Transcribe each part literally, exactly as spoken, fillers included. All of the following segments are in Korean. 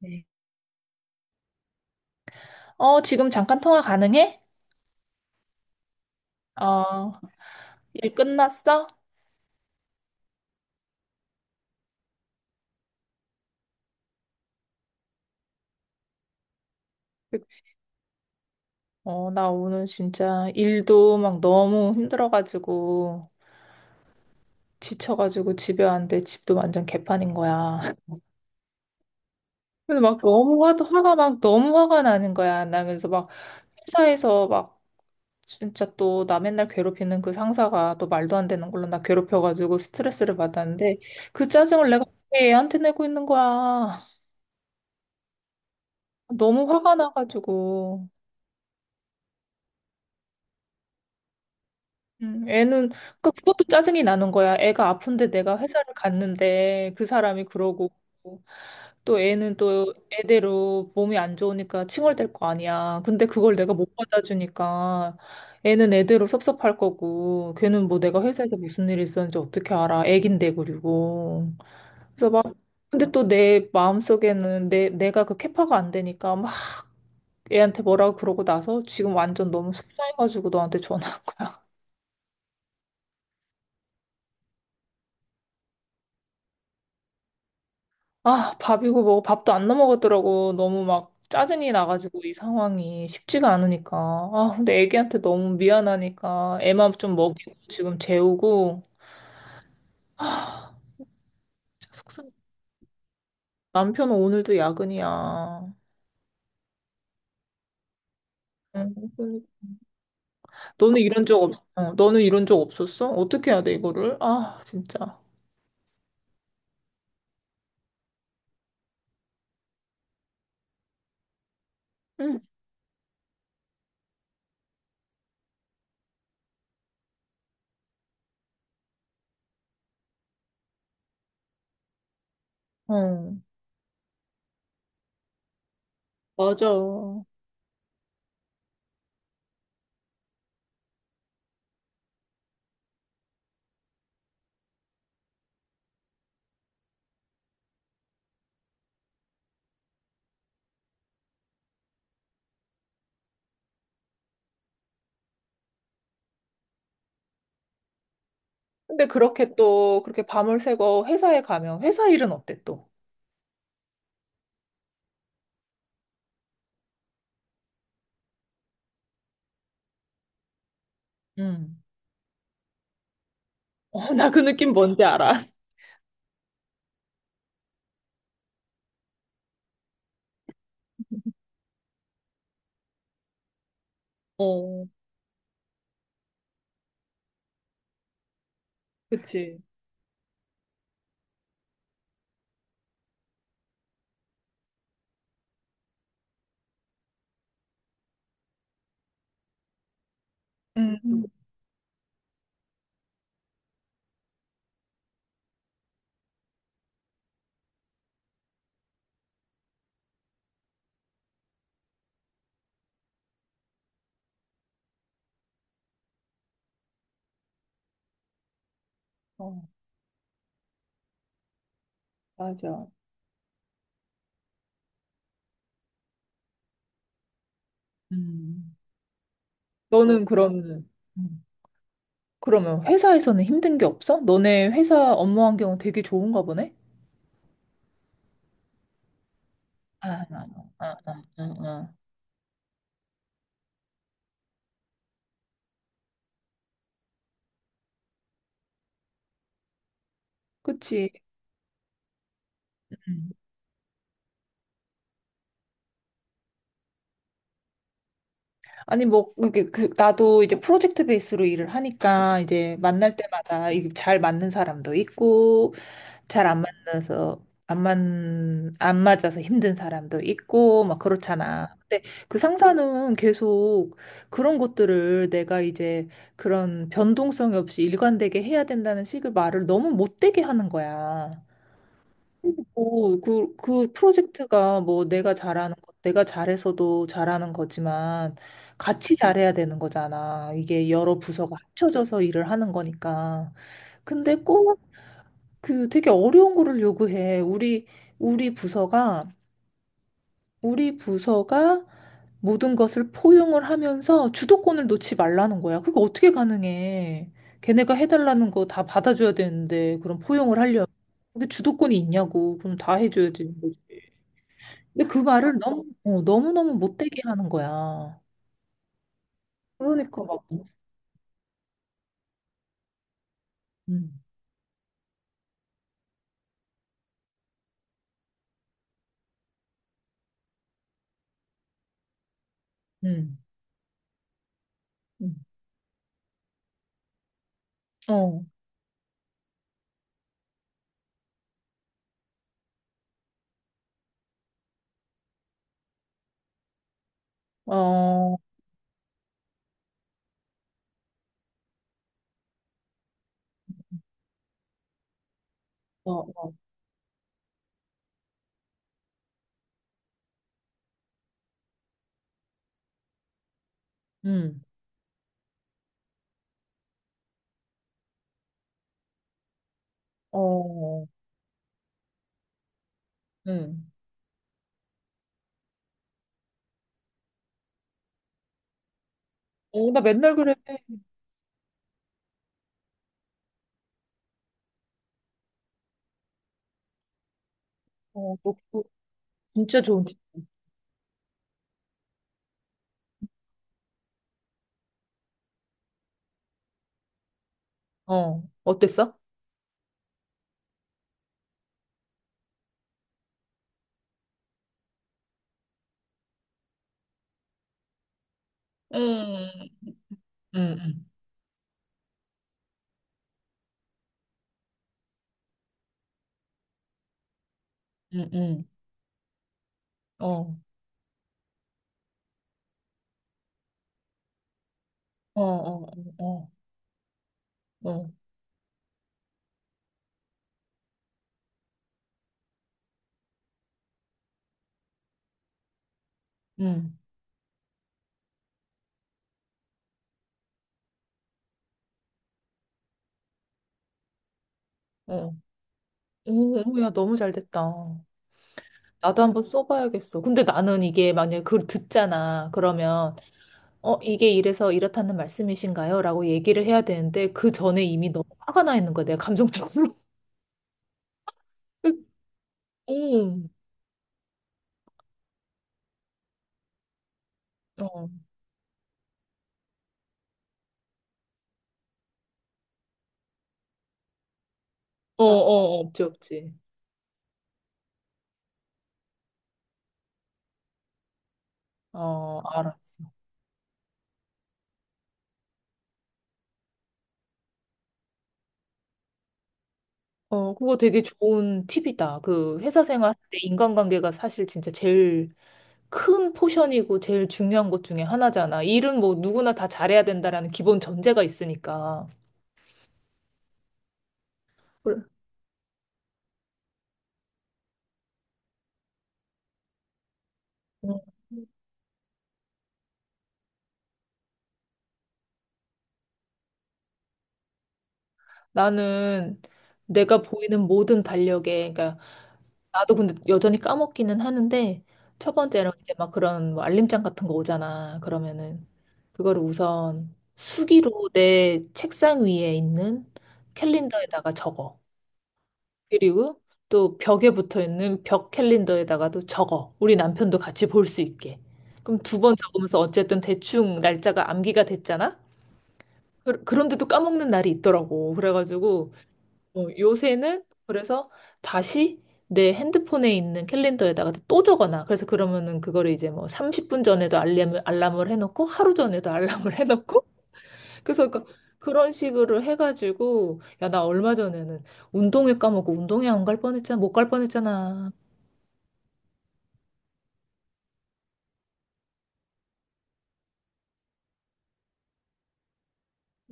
네. 어, 지금 잠깐 통화 가능해? 어, 일 끝났어? 그- 어, 나 오늘 진짜 일도 막 너무 힘들어가지고, 지쳐가지고 집에 왔는데 집도 완전 개판인 거야. 그래서 막 너무 화, 화가 막 너무 화가 나는 거야. 나 그래서 막 회사에서 막 진짜 또 나 맨날 괴롭히는 그 상사가 또 말도 안 되는 걸로 나 괴롭혀가지고 스트레스를 받았는데 그 짜증을 내가 어떻게 애한테 내고 있는 거야. 너무 화가 나가지고. 음, 애는 그러니까 그것도 짜증이 나는 거야. 애가 아픈데 내가 회사를 갔는데 그 사람이 그러고 또 애는 또 애대로 몸이 안 좋으니까 칭얼댈 거 아니야. 근데 그걸 내가 못 받아주니까 애는 애대로 섭섭할 거고 걔는 뭐 내가 회사에서 무슨 일이 있었는지 어떻게 알아. 애긴데 그리고 그래서 막 근데 또 내 마음속에는 내 내가 그 캐파가 안 되니까 막 애한테 뭐라고 그러고 나서 지금 완전 너무 속상해가지고 너한테 전화한 거야. 아, 밥이고 뭐 밥도 안 넘어가더라고. 너무 막 짜증이 나가지고 이 상황이 쉽지가 않으니까. 아, 근데 애기한테 너무 미안하니까 애만 좀 먹이고 지금 재우고. 아, 진짜 속상. 남편은 오늘도 야근이야. 응, 그러니까. 너는 이런 적 없, 어, 너는 이런 적 없었어? 어떻게 해야 돼, 이거를? 아, 진짜. 응. 어, 맞아. 근데 그렇게 또, 그렇게 밤을 새고 회사에 가면 회사 일은 어때 또? 응. 어, 나 그 느낌 뭔지 알아. 어. 그치. 음, 음. 어, 맞아. 음. 너는 그러면 음. 그러면 회사에서는 힘든 게 없어? 너네 회사 업무 환경은 되게 좋은가 보네? 아, 아, 아, 아, 아. 아. 그치. 음, 아니 뭐 그게 그 나도 이제 프로젝트 베이스로 일을 하니까 이제 만날 때마다 이게 잘 맞는 사람도 있고 잘 안 만나서 안 만, 안 맞아서 힘든 사람도 있고 막 그렇잖아. 근데 그 상사는 계속 그런 것들을 내가 이제 그런 변동성이 없이 일관되게 해야 된다는 식의 말을 너무 못되게 하는 거야. 오, 그, 그 프로젝트가 뭐 내가 잘하는 것, 내가 잘해서도 잘하는 거지만 같이 잘해야 되는 거잖아. 이게 여러 부서가 합쳐져서 일을 하는 거니까. 근데 꼭 그 되게 어려운 거를 요구해. 우리, 우리 부서가, 우리 부서가 모든 것을 포용을 하면서 주도권을 놓지 말라는 거야. 그게 어떻게 가능해? 걔네가 해달라는 거 다 받아줘야 되는데, 그럼 포용을 하려면. 그게 주도권이 있냐고. 그럼 다 해줘야 지 근데 그 말을 너무, 어, 너무너무 못되게 하는 거야. 그러니까 막, 음, 음, 음. 어, 어, 어, 어, 음, 어, 음. 어, 나 맨날 그래. 어, 너, 진짜 좋은, 기- 어, 어땠어? 응, 응, 응, 응, 어, 어, 어, 어, 어, 어, 응, 어. 오, 야, 너무 잘 됐다. 나도 한번 써봐야겠어. 근데 나는 이게 만약에 그걸 듣잖아. 그러면, 어, 이게 이래서 이렇다는 말씀이신가요? 라고 얘기를 해야 되는데, 그 전에 이미 너무 화가 나 있는 거야. 내가 감정적으로. 응 어, 어, 아, 어, 어. 없지, 없지. 어, 알았어 어, 그거 되게 좋은 팁이다. 그 회사 생활할 때 인간관계가 사실 진짜 제일 큰 포션이고 제일 중요한 것 중에 하나잖아. 일은 뭐 누구나 다 잘해야 된다라는 기본 전제가 있으니까. 그래. 음. 나는 내가 보이는 모든 달력에, 그러니까 나도 근데 여전히 까먹기는 하는데 첫 번째로 이제 막 그런 뭐 알림장 같은 거 오잖아. 그러면은 그거를 우선 수기로 내 책상 위에 있는 캘린더에다가 적어. 그리고 또 벽에 붙어 있는 벽 캘린더에다가도 적어. 우리 남편도 같이 볼 수 있게. 그럼 두 번 적으면서 어쨌든 대충 날짜가 암기가 됐잖아? 그, 그런데도 까먹는 날이 있더라고. 그래가지고 어, 요새는 그래서 다시 내 핸드폰에 있는 캘린더에다가 또 적어놔. 그래서 그러면은 그거를 이제 뭐 삼십 분 전에도 알람을, 알람을 해놓고 하루 전에도 알람을 해놓고 그래서 그 그런 식으로 해가지고 야, 나 얼마 전에는 운동회 까먹고 운동회 안 갈 뻔했잖아. 못 갈 뻔했잖아.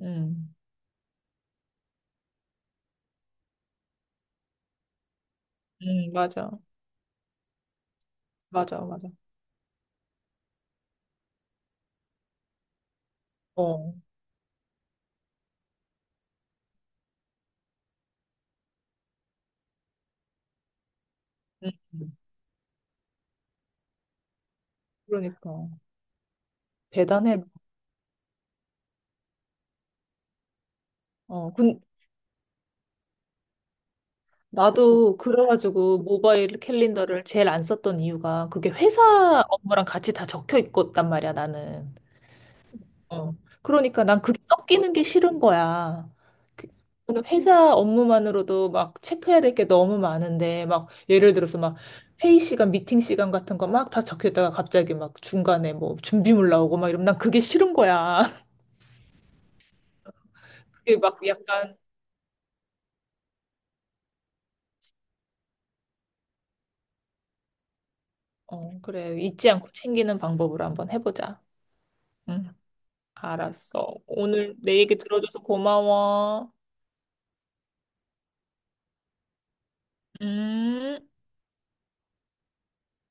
응, 응, 맞아. 맞아, 맞아. 어. 응 응. 그러니까 대단해. 어, 근 나도 그래가지고 모바일 캘린더를 제일 안 썼던 이유가 그게 회사 업무랑 같이 다 적혀 있었단 말이야, 나는. 어. 그러니까 난 그게 섞이는 게 싫은 거야. 그- 저는 회사 업무만으로도 막 체크해야 될 게 너무 많은데, 막 예를 들어서 막 회의 시간, 미팅 시간 같은 거 막 다 적혀 있다가 갑자기 막 중간에 뭐 준비물 나오고 막 이러면 난 그게 싫은 거야. 그게 막 약간, 어, 그래. 잊지 않고 챙기는 방법으로 한번 해보자. 응, 알았어. 오늘 내 얘기 들어줘서 고마워. 음.